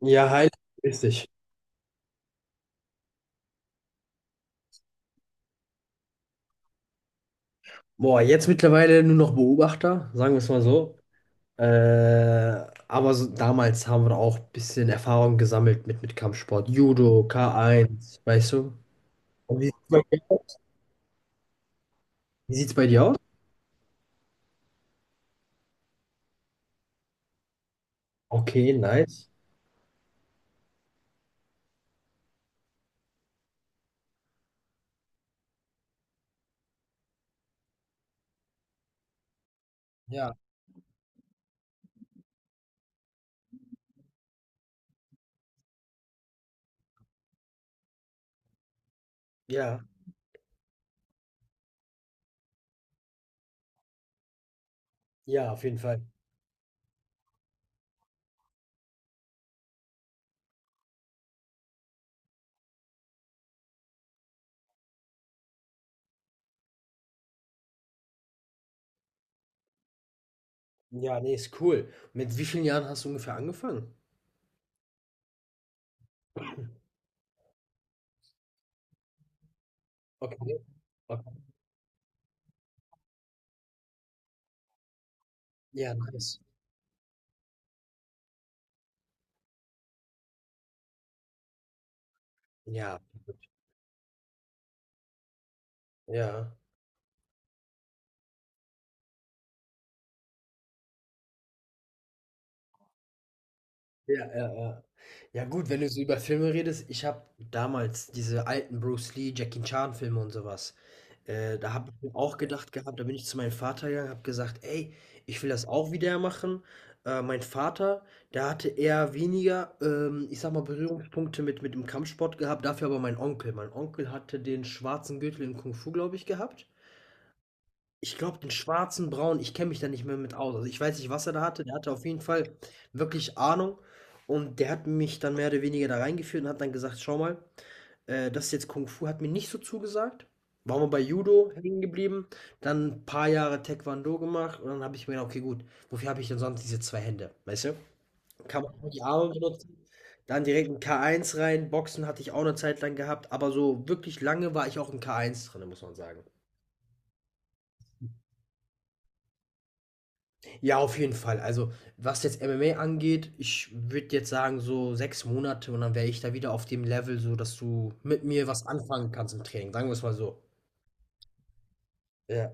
Ja, halt, richtig. Boah, jetzt mittlerweile nur noch Beobachter, sagen wir es mal so. Äh, aber so, damals haben wir auch ein bisschen Erfahrung gesammelt mit Kampfsport. Judo, K1, weißt du? Und wie sieht's bei dir aus? Wie sieht's bei dir aus? Okay, nice. Ja, ja, ja, auf jeden Fall. Ja, nee, ist cool. Mit wie vielen Jahren hast du ungefähr angefangen? Okay, okay. Ja, nice. Ja, ja. Ja, ja, ja. Ja gut, wenn du so über Filme redest, ich habe damals diese alten Bruce Lee, Jackie Chan Filme und sowas. Da habe ich mir auch gedacht gehabt, da bin ich zu meinem Vater gegangen, habe gesagt, ey, ich will das auch wieder machen. Mein Vater, der hatte eher weniger, ich sag mal, Berührungspunkte mit dem Kampfsport gehabt, dafür aber mein Onkel. Mein Onkel hatte den schwarzen Gürtel in Kung Fu, glaube ich, gehabt. Ich glaube, den schwarzen, Braun. Ich kenne mich da nicht mehr mit aus. Also, ich weiß nicht, was er da hatte. Der hatte auf jeden Fall wirklich Ahnung und der hat mich dann mehr oder weniger da reingeführt und hat dann gesagt: „Schau mal, das ist jetzt Kung Fu“, hat mir nicht so zugesagt. Waren wir bei Judo hängen geblieben, dann ein paar Jahre Taekwondo gemacht und dann habe ich mir gedacht: „Okay, gut, wofür habe ich denn sonst diese 2 Hände?“ Weißt du? Kann man nur die Arme benutzen. Dann direkt ein K1 rein. Boxen hatte ich auch eine Zeit lang gehabt, aber so wirklich lange war ich auch in K1 drin, muss man sagen. Ja, auf jeden Fall. Also, was jetzt MMA angeht, ich würde jetzt sagen, so 6 Monate und dann wäre ich da wieder auf dem Level, so dass du mit mir was anfangen kannst im Training. Sagen wir es mal so. Ja,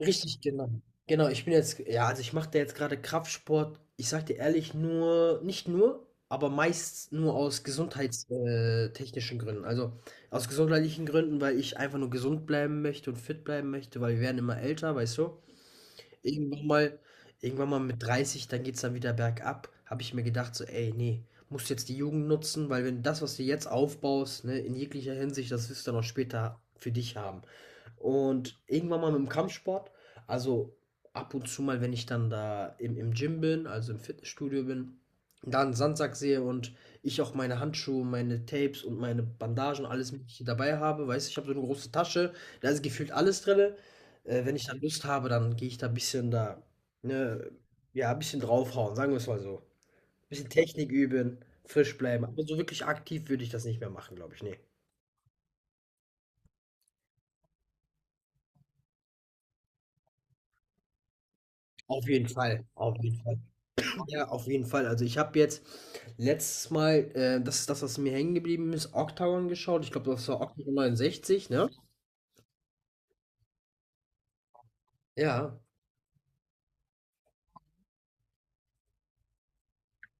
richtig, genau. Genau, ich bin jetzt, ja, also ich mache da jetzt gerade Kraftsport. Ich sag dir ehrlich, nur, nicht nur, aber meist nur aus gesundheitstechnischen Gründen. Also aus gesundheitlichen Gründen, weil ich einfach nur gesund bleiben möchte und fit bleiben möchte, weil wir werden immer älter, weißt du? Irgendwann mal irgendwann mal mit 30, dann geht's dann wieder bergab, habe ich mir gedacht so: „Ey, nee, musst jetzt die Jugend nutzen, weil wenn das, was du jetzt aufbaust, ne, in jeglicher Hinsicht, das wirst du dann auch später für dich haben.“ Und irgendwann mal mit'm Kampfsport, also, ab und zu mal, wenn ich dann da im Gym bin, also im Fitnessstudio bin, da 'n Sandsack sehe und ich auch meine Handschuhe, meine Tapes und meine Bandagen, alles Mögliche dabei habe, weißt du? Ich habe so eine große Tasche, da ist gefühlt alles drin. Wenn ich dann Lust habe, dann gehe ich da ein bisschen da, ne, ja, ein bisschen draufhauen, sagen wir es mal so. Ein bisschen Technik üben, frisch bleiben, aber so wirklich aktiv würde ich das nicht mehr machen, glaube ich, ne. Auf jeden Fall, auf jeden Fall. Ja, auf jeden Fall. Also, ich habe jetzt letztes Mal, das ist das, was mir hängen geblieben ist, Octagon geschaut. Ich glaube, das war Octagon 69, ne? Ja.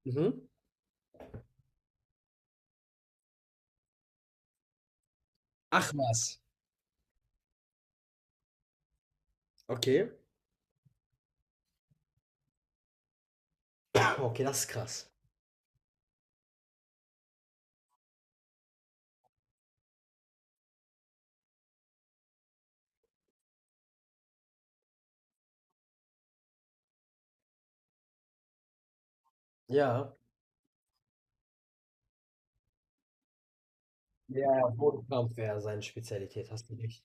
Mhm. Ach was. Okay. Ah, okay, das ist krass. Ja. Ja, ja, Bodenkampf wäre seine Spezialität, hast du recht.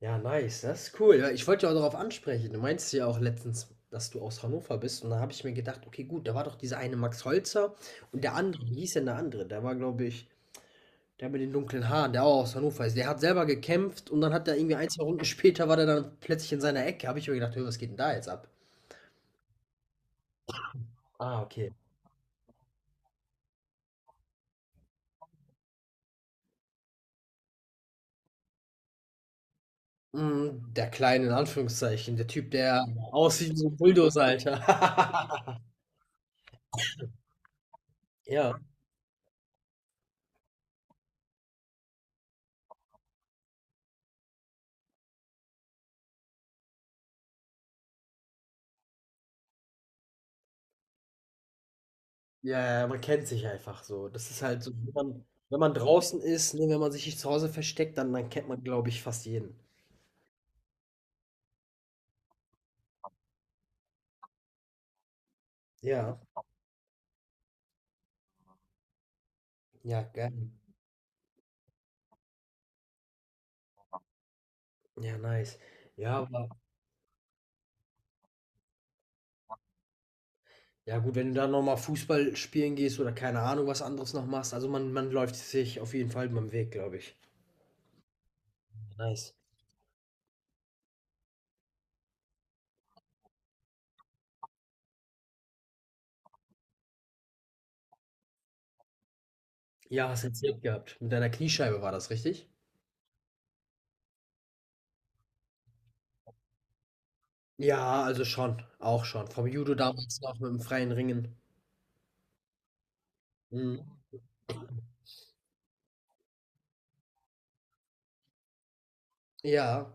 Ja, nice, das ist cool. Ja, ich wollte ja auch darauf ansprechen. Du meinst ja auch letztens, dass du aus Hannover bist. Und da habe ich mir gedacht, okay, gut, da war doch dieser eine Max Holzer und der andere, wie hieß denn der andere? Der war, glaube ich, der mit den dunklen Haaren, der auch aus Hannover ist. Der hat selber gekämpft und dann hat er irgendwie ein, zwei Runden später war der dann plötzlich in seiner Ecke. Habe ich mir gedacht, hey, was geht denn da jetzt ab? Ah, okay. Mm, der kleine, in Anführungszeichen, der Typ, der aussieht wie ein Bulldozer, Alter. Ja. Ja, ja, ja, man kennt sich einfach so. Das ist halt so, mhm, wenn man wenn man draußen ist, ne, wenn man sich nicht zu Hause versteckt, dann kennt man, glaube ich, fast jeden. Ja, ja, geil. Mhm. Ja, nice. Ja, aber ja gut, wenn du dann noch mal Fußball spielen gehst oder keine Ahnung, was anderes noch machst, also man läuft sich auf jeden Fall beim Weg, glaube ich. Nice. Ja, hast erzählt gehabt. Mit deiner Kniescheibe war das, richtig? Ja, also schon, auch schon. Vom Judo damals noch mit dem freien Ringen. Mhm. Ja,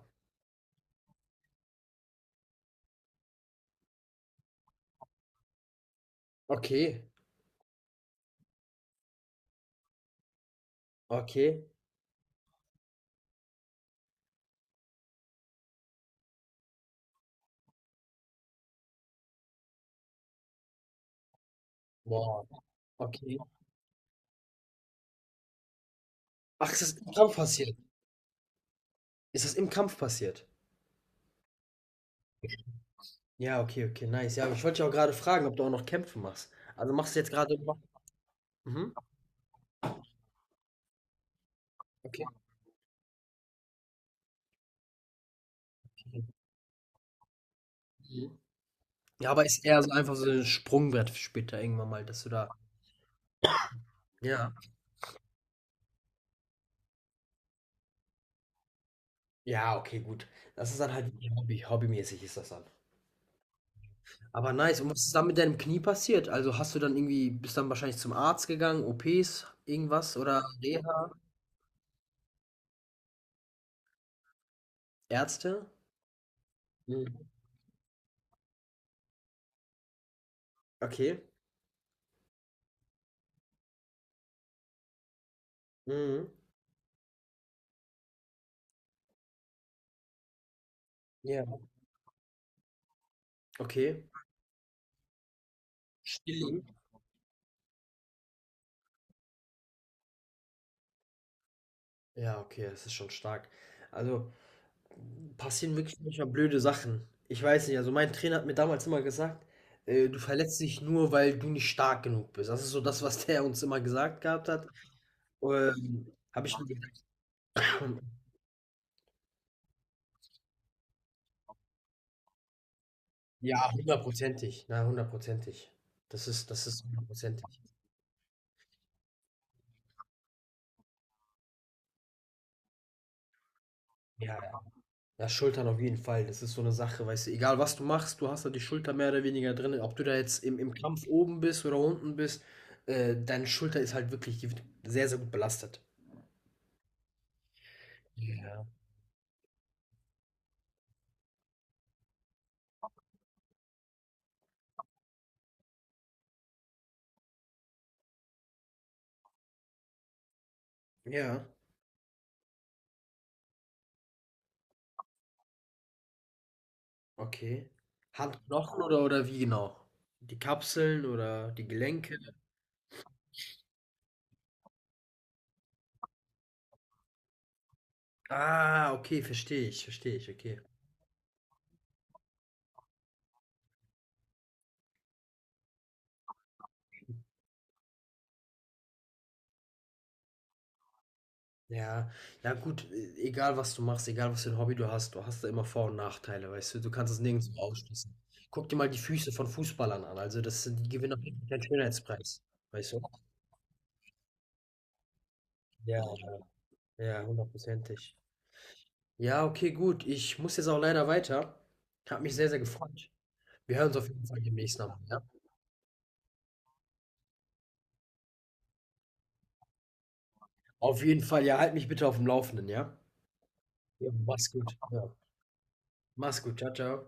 okay, okay. Boah, okay. Ach, ist das im Kampf passiert? Ist das im Kampf passiert? Ja, okay, okay, nice. Ja, aber ich wollte dich auch gerade fragen, ob du auch noch Kämpfe machst. Also machst du jetzt gerade? Mhm, okay. Mhm. Ja, aber ist eher so einfach so ein Sprungbrett für später irgendwann mal, dass du da ja. Ja, okay, gut. Das ist dann halt hobbymäßig ist das dann. Aber nice. Und was ist dann mit deinem Knie passiert? Also, hast du dann irgendwie bist dann wahrscheinlich zum Arzt gegangen, OPs, irgendwas oder Reha, Ärzte? Mhm. Okay. Mhm. Ja. Okay. Ja, okay, das ist schon stark. Also, passieren wirklich manchmal blöde Sachen. Ich weiß nicht, also mein Trainer hat mir damals immer gesagt, du verletzt dich nur, weil du nicht stark genug bist. Das ist so das, was der uns immer gesagt gehabt hat. Habe ich mir gedacht, hm, ja, hundertprozentig, na, hundertprozentig. Das ist hundertprozentig. Ja, ja, Schultern auf jeden Fall. Das ist so eine Sache, weißt du, egal was du machst, du hast da die Schulter mehr oder weniger drin. Ob du da jetzt im Kampf oben bist oder unten bist, deine Schulter ist halt wirklich die wird sehr, sehr gut belastet. Ja. Ja, okay. Handknochen oder wie genau? Die Kapseln oder die Gelenke? Ah, okay, verstehe ich, okay. Ja, ja gut, e egal was du machst, egal was für ein Hobby du hast da immer Vor und Nachteile, weißt du, du kannst es nirgendwo ausschließen. Guck dir mal die Füße von Fußballern an, also das sind, die gewinnen auf jeden Fall keinen Schönheitspreis, weißt du? Ja, ja, hundertprozentig. Ja, okay, gut, ich muss jetzt auch leider weiter. Hat mich sehr, sehr gefreut. Wir hören uns auf jeden Fall demnächst nochmal, ja? Auf jeden Fall, ja, halt mich bitte auf dem Laufenden, ja? Ja, mach's gut. Ja. Mach's gut, ciao, ciao.